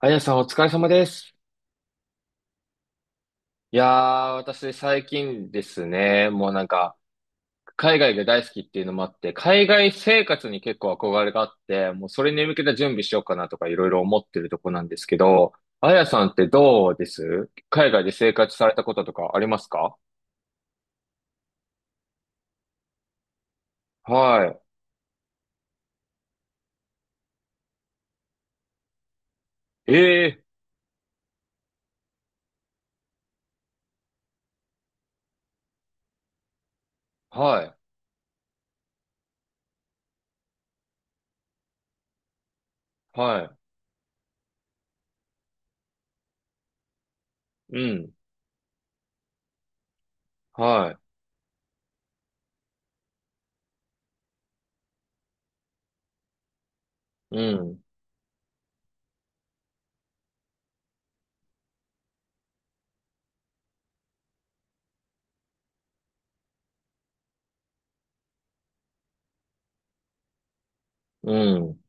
あやさんお疲れ様です。いやー、私最近ですね、もうなんか、海外が大好きっていうのもあって、海外生活に結構憧れがあって、もうそれに向けた準備しようかなとかいろいろ思ってるとこなんですけど、あやさんってどうです、海外で生活されたこととかありますか？はい。えー、はい、はい、うん、はい、うん、うん、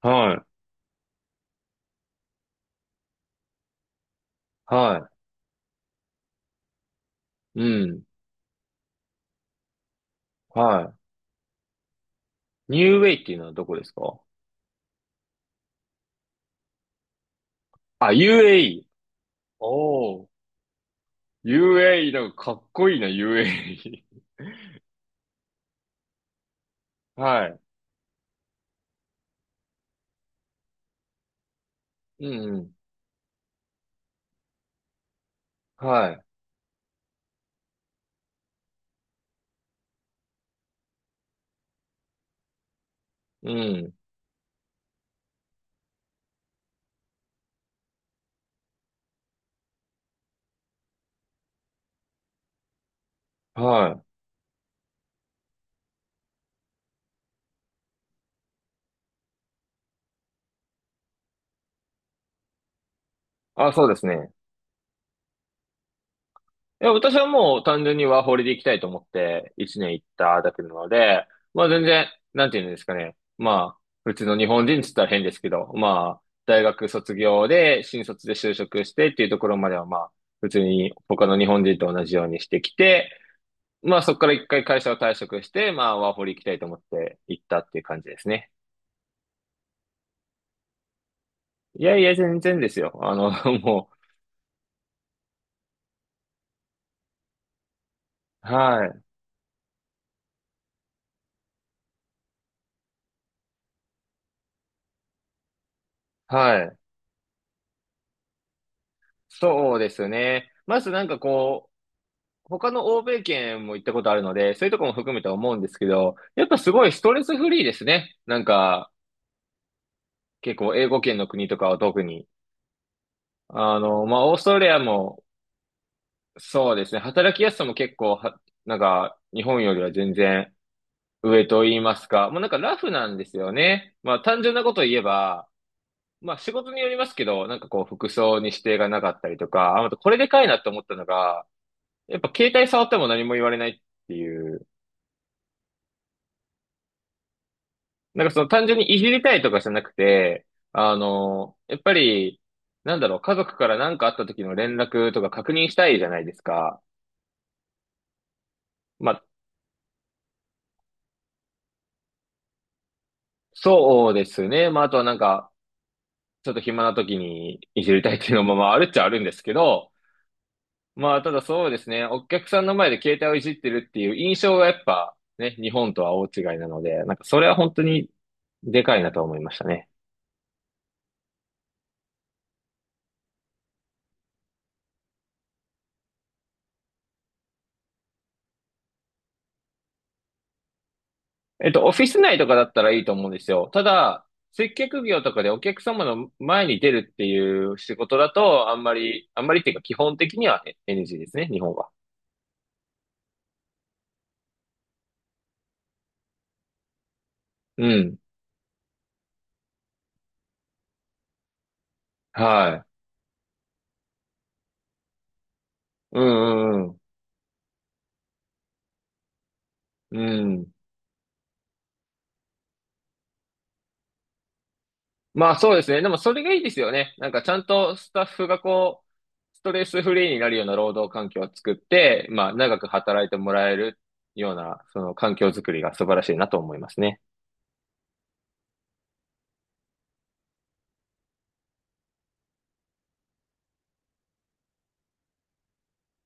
はい、はい、うん、はい。ニューウェイっていうのはどこですか？あ、UAE。お、 UAE、なんかかっこいいな、UAE。はい。うんうん。はい。うん。はい。あ、そうですね。いや、私はもう単純にワーホリで行きたいと思って1年行っただけなので、まあ全然、なんていうんですかね。まあ、普通の日本人って言ったら変ですけど、まあ、大学卒業で、新卒で就職してっていうところまではまあ、普通に他の日本人と同じようにしてきて、まあそこから一回会社を退職して、まあワーホリ行きたいと思って行ったっていう感じですね。いやいや、全然ですよ。もう、はい、はい。そうですね。まずなんかこう、他の欧米圏も行ったことあるので、そういうとこも含めて思うんですけど、やっぱすごいストレスフリーですね。なんか、結構英語圏の国とかは特に。あの、まあ、オーストラリアも、そうですね。働きやすさも結構は、なんか、日本よりは全然上と言いますか。もうなんかラフなんですよね。まあ、単純なことを言えば、まあ仕事によりますけど、なんかこう服装に指定がなかったりとか、あ、あとこれでかいなと思ったのが、やっぱ携帯触っても何も言われないっていう、なんかその単純にいじりたいとかじゃなくて、あの、やっぱり、なんだろう、家族から何かあった時の連絡とか確認したいじゃないですか。まあ、そうですね。まあ、あとはなんか、ちょっと暇な時にいじりたいっていうのもまああるっちゃあるんですけど、まあ、ただそうですね。お客さんの前で携帯をいじってるっていう印象がやっぱね、日本とは大違いなので、なんかそれは本当にでかいなと思いましたね。えっと、オフィス内とかだったらいいと思うんですよ。ただ、接客業とかでお客様の前に出るっていう仕事だと、あんまり、あんまりっていうか基本的には NG ですね、日本は。うん。はい。うんうんうん。うん。まあそうですね。でもそれがいいですよね。なんかちゃんとスタッフがこう、ストレスフリーになるような労働環境を作って、まあ長く働いてもらえるような、その環境づくりが素晴らしいなと思いますね。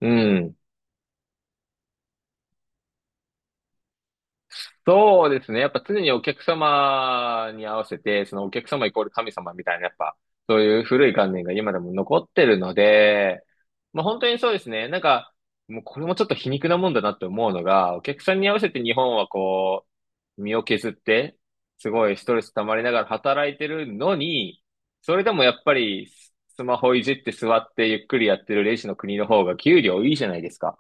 うん。そうですね。やっぱ常にお客様に合わせて、そのお客様イコール神様みたいな、やっぱ、そういう古い観念が今でも残ってるので、まあ本当にそうですね。なんか、もうこれもちょっと皮肉なもんだなって思うのが、お客さんに合わせて日本はこう、身を削って、すごいストレス溜まりながら働いてるのに、それでもやっぱりスマホいじって座ってゆっくりやってるレジの国の方が給料いいじゃないですか。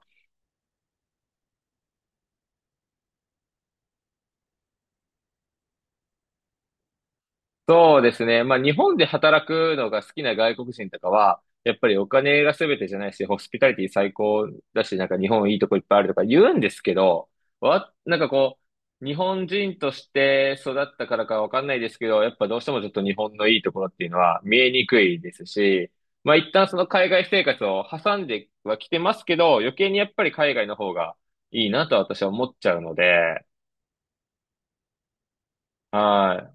そうですね。まあ、日本で働くのが好きな外国人とかは、やっぱりお金が全てじゃないし、ホスピタリティ最高だし、なんか日本いいとこいっぱいあるとか言うんですけど、わ、なんかこう、日本人として育ったからかわかんないですけど、やっぱどうしてもちょっと日本のいいところっていうのは見えにくいですし、まあ、一旦その海外生活を挟んではきてますけど、余計にやっぱり海外の方がいいなと私は思っちゃうので、は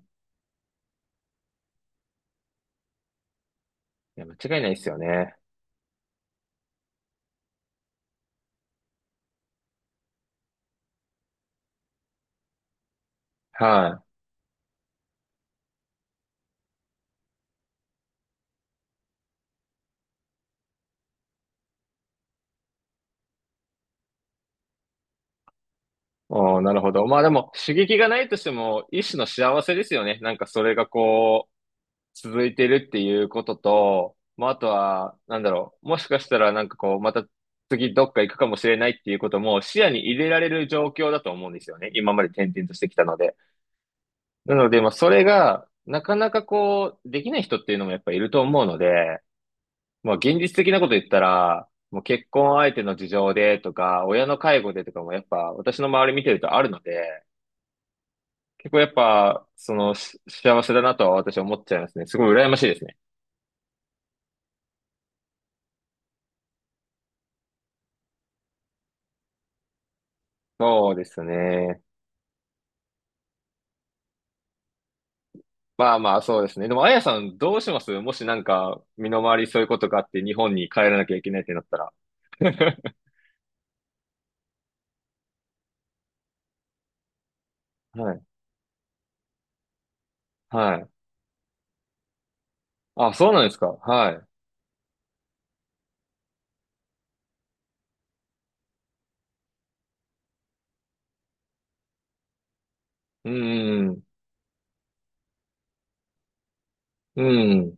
い。いや、間違いないですよね。はい。おー、なるほど。まあでも、刺激がないとしても、一種の幸せですよね。なんかそれがこう、続いてるっていうことと、まああとは、なんだろう、もしかしたらなんかこう、また次どっか行くかもしれないっていうことも視野に入れられる状況だと思うんですよね。今まで転々としてきたので。なので、まあそれが、なかなかこう、できない人っていうのもやっぱいると思うので、まあ現実的なこと言ったら、もう結婚相手の事情でとか、親の介護でとかもやっぱ私の周り見てるとあるので、結構やっぱ、その、し幸せだなとは私は思っちゃいますね。すごい羨ましいですね。そうですね。まあまあ、そうですね。でも、あやさん、どうします、もしなんか、身の回りそういうことがあって、日本に帰らなきゃいけないってなったら。はい。はい。あ、そうなんですか。はい。うん。うん。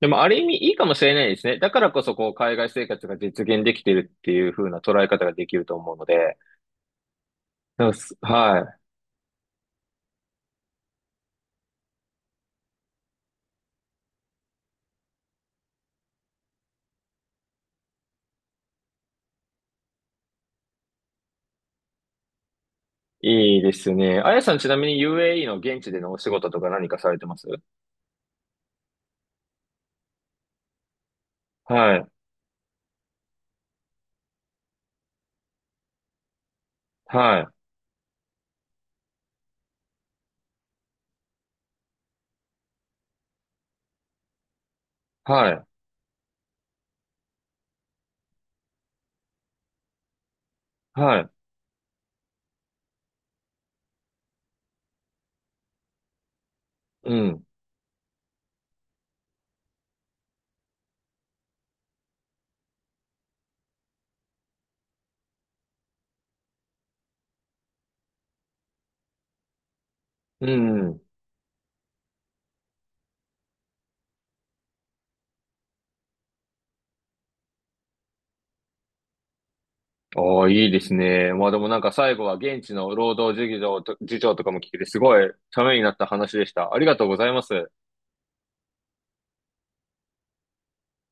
でも、ある意味いいかもしれないですね。だからこそ、こう、海外生活が実現できてるっていう風な捉え方ができると思うので。でもすはい。いいですね。あやさん、ちなみに UAE の現地でのお仕事とか何かされてます？はい、はい、はい、はい、うん、うん。ああ、いいですね。まあでもなんか最後は現地の労働事情と、事情とかも聞けて、すごいためになった話でした。ありがとうございます。